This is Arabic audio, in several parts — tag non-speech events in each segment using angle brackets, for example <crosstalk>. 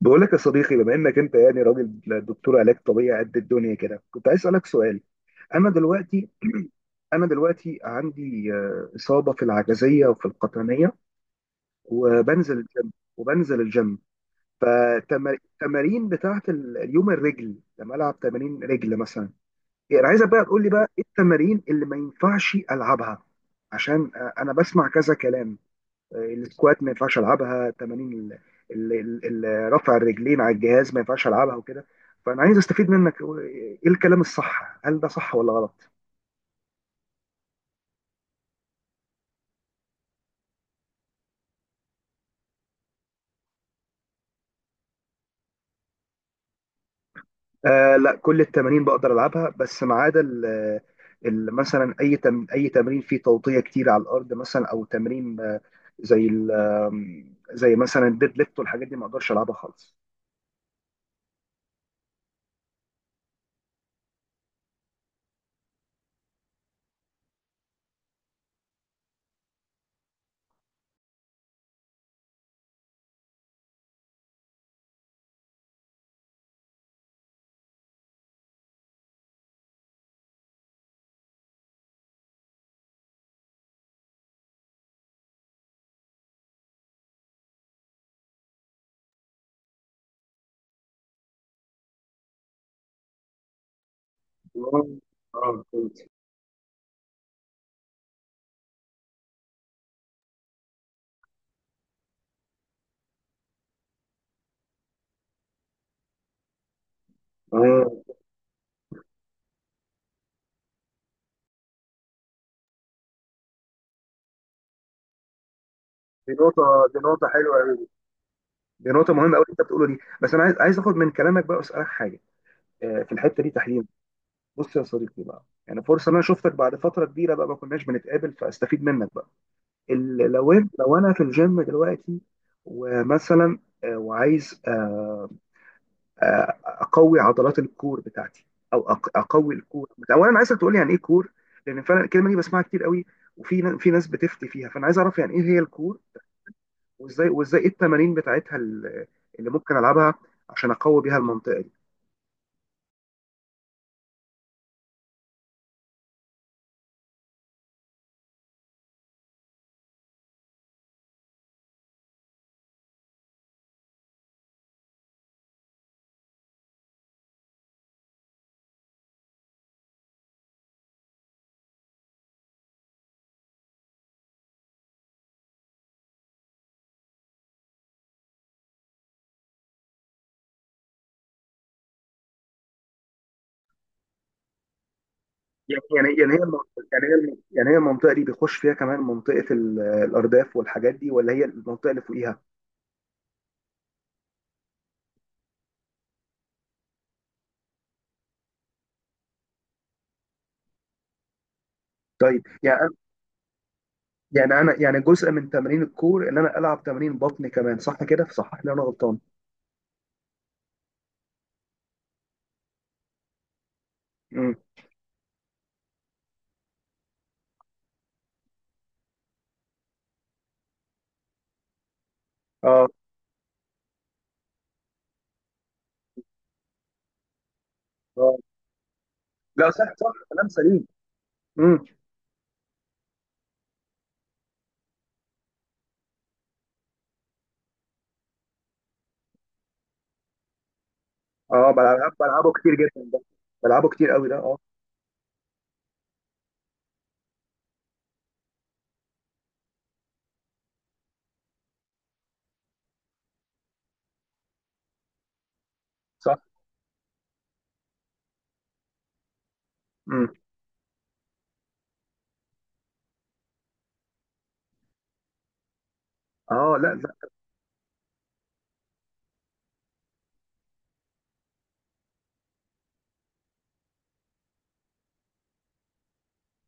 بقول لك يا صديقي، بما انك انت يعني راجل دكتور علاج طبيعي قد الدنيا كده، كنت عايز اسالك سؤال. انا دلوقتي <clears throat> انا دلوقتي عندي اصابه في العجزيه وفي القطنيه، وبنزل الجيم وبنزل الجيم فالتمارين بتاعت اليوم الرجل، لما العب تمارين رجل مثلا، يعني انا عايزك بقى تقول لي بقى ايه التمارين اللي ما ينفعش العبها، عشان انا بسمع كذا كلام. السكوات ما ينفعش العبها، تمارين ال- رفع الرجلين على الجهاز ما ينفعش العبها وكده. فانا عايز استفيد منك، ايه الكلام الصح؟ هل ده صح ولا غلط؟ لا، كل التمارين بقدر العبها، بس ما عدا مثلا اي تمرين فيه توطيه كتير على الارض مثلا، او تمرين زي ال- آم، زي مثلا الديد ليفت والحاجات دي ما اقدرش العبها خالص. اه. فهمت. آه، دي نقطة. دي نقطة حلوة. دي نقطة مهمة أوي اللي أنت بتقوله دي، بس أنا عايز آخد من كلامك بقى وأسألك حاجة. في الحتة دي تحليل. بص يا صديقي بقى، يعني فرصة إن أنا شفتك بعد فترة كبيرة بقى، ما كناش بنتقابل، فأستفيد منك بقى. لو أنا في الجيم دلوقتي ومثلا وعايز أقوي عضلات الكور بتاعتي، أو أقوي الكور. أولا عايزك تقول لي يعني إيه كور، لأن فعلا الكلمة دي بسمعها كتير قوي، وفي في ناس بتفتي فيها، فأنا عايز أعرف يعني إيه هي الكور، وازاي ايه التمارين بتاعتها اللي ممكن العبها عشان اقوي بيها المنطقه دي. يعني هي المنطقة، يعني هي المنطقه دي بيخش فيها كمان منطقه الارداف والحاجات دي، ولا هي المنطقه اللي فوقيها؟ طيب. يعني انا جزء من تمارين الكور ان انا العب تمارين بطن كمان، صح كده؟ صحح لي انا غلطان. امم. اه. اه. لا، صح صح، كلام سليم. امم. اه. بلعبه كتير جدا ده. بلعبه كتير قوي ده. اه. صح. امم. اه. لا.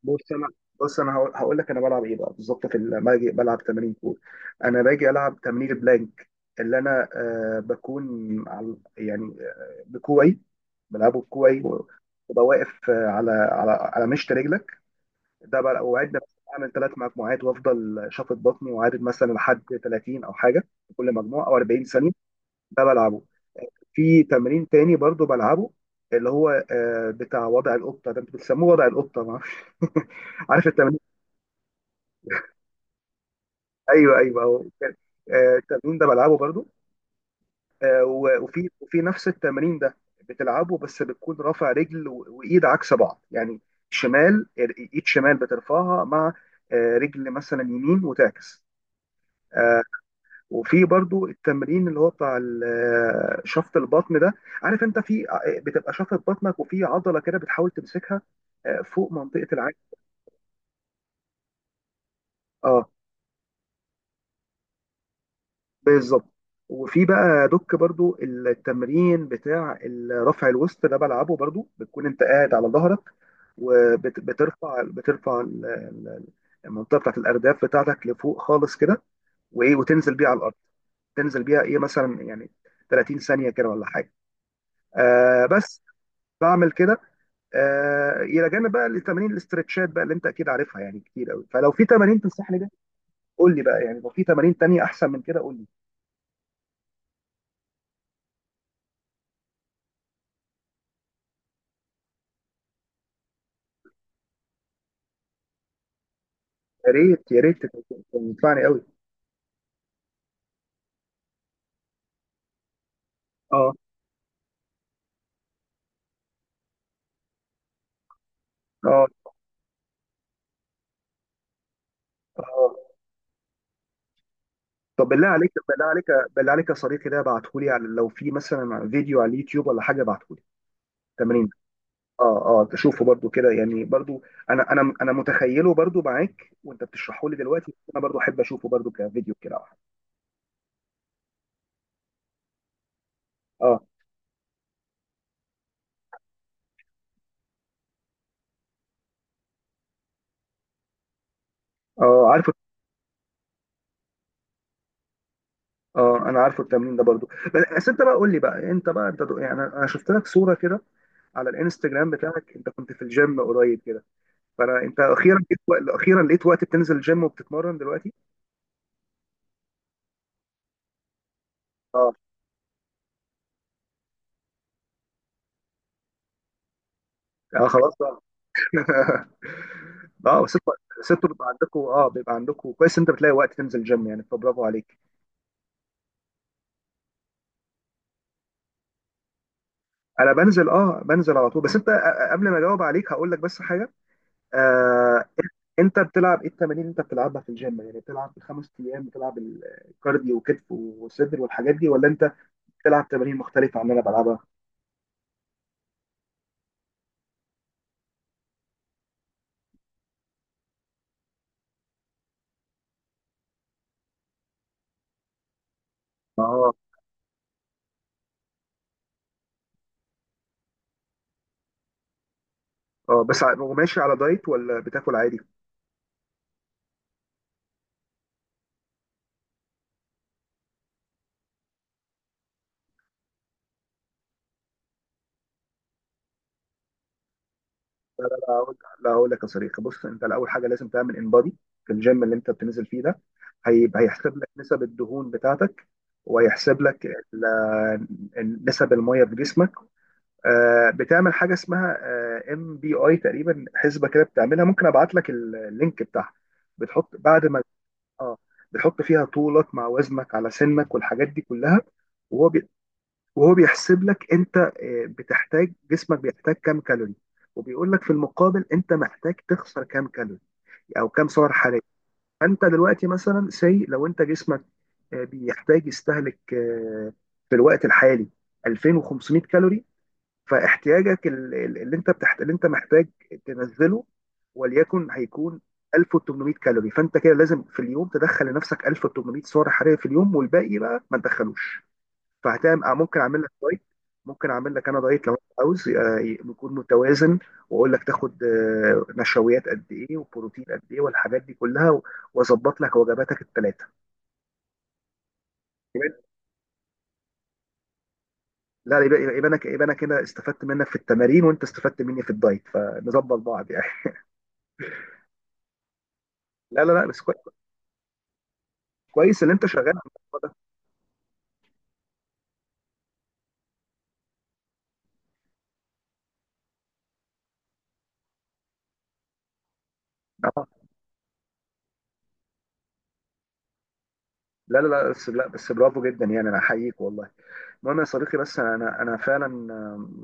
بص انا بص انا هقول لك انا بلعب ايه بقى بالظبط، في لما باجي بلعب تمارين كور، انا باجي العب تمرين البلانك، اللي انا بكون على، يعني بكوعي، بلعبه بكوعي وببقى واقف على مشط رجلك. ده بقى وعد نفسي اعمل ثلاث مجموعات، وافضل شافط بطني وعادد مثلا لحد 30 او حاجه في كل مجموعه، او 40 ثانيه. ده بلعبه. في تمرين تاني برضو بلعبه، اللي هو بتاع وضع القطه ده، انتوا بتسموه وضع القطه ما اعرفش. <laughs> عارف التمرين. ايوه هو التمرين ده بلعبه برضو. وفي نفس التمرين ده بتلعبه بس بتكون رافع رجل وايد عكس بعض يعني، شمال، ايد شمال بترفعها مع رجل مثلا يمين، وتعكس. آه، وفي برضو التمرين اللي هو بتاع شفط البطن ده. عارف انت في بتبقى شفط بطنك، وفي عضله كده بتحاول تمسكها فوق منطقه العين. آه، بالظبط. وفي بقى دوك برضو التمرين بتاع رفع الوسط ده، بلعبه برضو، بتكون انت قاعد على ظهرك بترفع المنطقه بتاعت الارداف بتاعتك لفوق خالص كده، وايه وتنزل بيها على الارض. تنزل بيها ايه مثلا، يعني 30 ثانيه كده ولا حاجه، بس. بعمل كده. آه، الى جانب بقى لتمارين الاسترتشات بقى اللي انت اكيد عارفها يعني كتير قوي، فلو في تمارين تنصحني بيها قول لي بقى. يعني لو في تمارين تانية احسن من كده قول لي. يا ريت، تنفعني قوي. اه. اه. اه. طب بالله عليك يا صديقي، ده ابعتهولي، على لو في مثلا فيديو على اليوتيوب ولا حاجه، ابعتهولي تمرين. اه. اه. تشوفه برضو كده يعني، برضو انا متخيله برضو معاك وانت بتشرحه لي دلوقتي، انا برضو احب اشوفه برضو كفيديو كده او حاجه. اه. اه. عارفه. اه انا عارفه التمرين ده برضو. بس انت بقى قول لي بقى، انت يعني أنا شفت لك صوره كده على الانستجرام بتاعك، انت كنت في الجيم قريب كده، انت اخيرا لقيت وقت بتنزل الجيم وبتتمرن دلوقتي. اه. اه خلاص بقى. <laughs> اه، ست بيبقى عندكم، اه، بيبقى عندكم كويس انت بتلاقي وقت تنزل جيم يعني، فبرافو عليك. انا بنزل، اه بنزل على طول، بس انت قبل ما اجاوب عليك هقول لك بس حاجه. آه. انت بتلعب ايه التمارين اللي انت بتلعبها في الجيم؟ يعني بتلعب الخمس ايام بتلعب الكارديو وكتف وصدر والحاجات دي، ولا انت بتلعب تمارين مختلفه عن اللي انا بلعبها؟ اه. اه بس وماشي على دايت ولا بتاكل عادي؟ هقول- لا هقول لك يا صديقي. بص انت الاول حاجه لازم تعمل انبادي في الجيم اللي انت بتنزل فيه ده. هيبقى هيحسب لك نسب الدهون بتاعتك، وهيحسب لك نسب الميه في جسمك. بتعمل حاجه اسمها ام بي اي تقريبا، حسبه كده بتعملها. ممكن ابعت لك اللينك بتاعها. بتحط بعد ما، اه، بتحط فيها طولك مع وزنك على سنك والحاجات دي كلها، وهو بي- وهو بيحسب لك انت آه، بتحتاج جسمك بيحتاج كام كالوري، وبيقول لك في المقابل انت محتاج تخسر كام كالوري او كام سعر حراري. فانت دلوقتي مثلا، سي لو انت جسمك بيحتاج يستهلك في الوقت الحالي 2500 كالوري، فاحتياجك اللي انت محتاج تنزله، وليكن هيكون 1800 كالوري. فانت كده لازم في اليوم تدخل لنفسك 1800 سعر حراري في اليوم، والباقي بقى ما تدخلوش. فهتعمل، ممكن اعمل لك دايت. ممكن اعمل لك انا دايت لو انت عاوز، يكون متوازن، واقول لك تاخد نشويات قد ايه وبروتين قد ايه والحاجات دي كلها، واظبط لك وجباتك الثلاثه. لا، يبقى يبقى انا كده استفدت منك في التمارين، وانت استفدت مني في الدايت، فنظبط بعض يعني. <laughs> لا لا لا بس كويس اللي انت شغال على الموضوع ده. آه. لا لا لا بس، لا بس برافو جدا يعني، انا احييك والله. المهم يا صديقي، بس انا انا أنا فعلا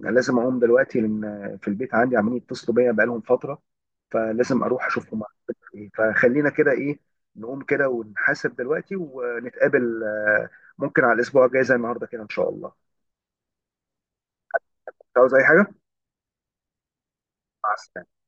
لازم اقوم دلوقتي، لان في البيت عندي عمالين يتصلوا بيا بقالهم فتره، فلازم اروح اشوفهم عملوا إيه. فخلينا كده ايه، نقوم كده ونحاسب دلوقتي، ونتقابل ممكن على الاسبوع الجاي زي النهارده كده ان شاء الله. مش عاوز اي حاجه. مع السلامه.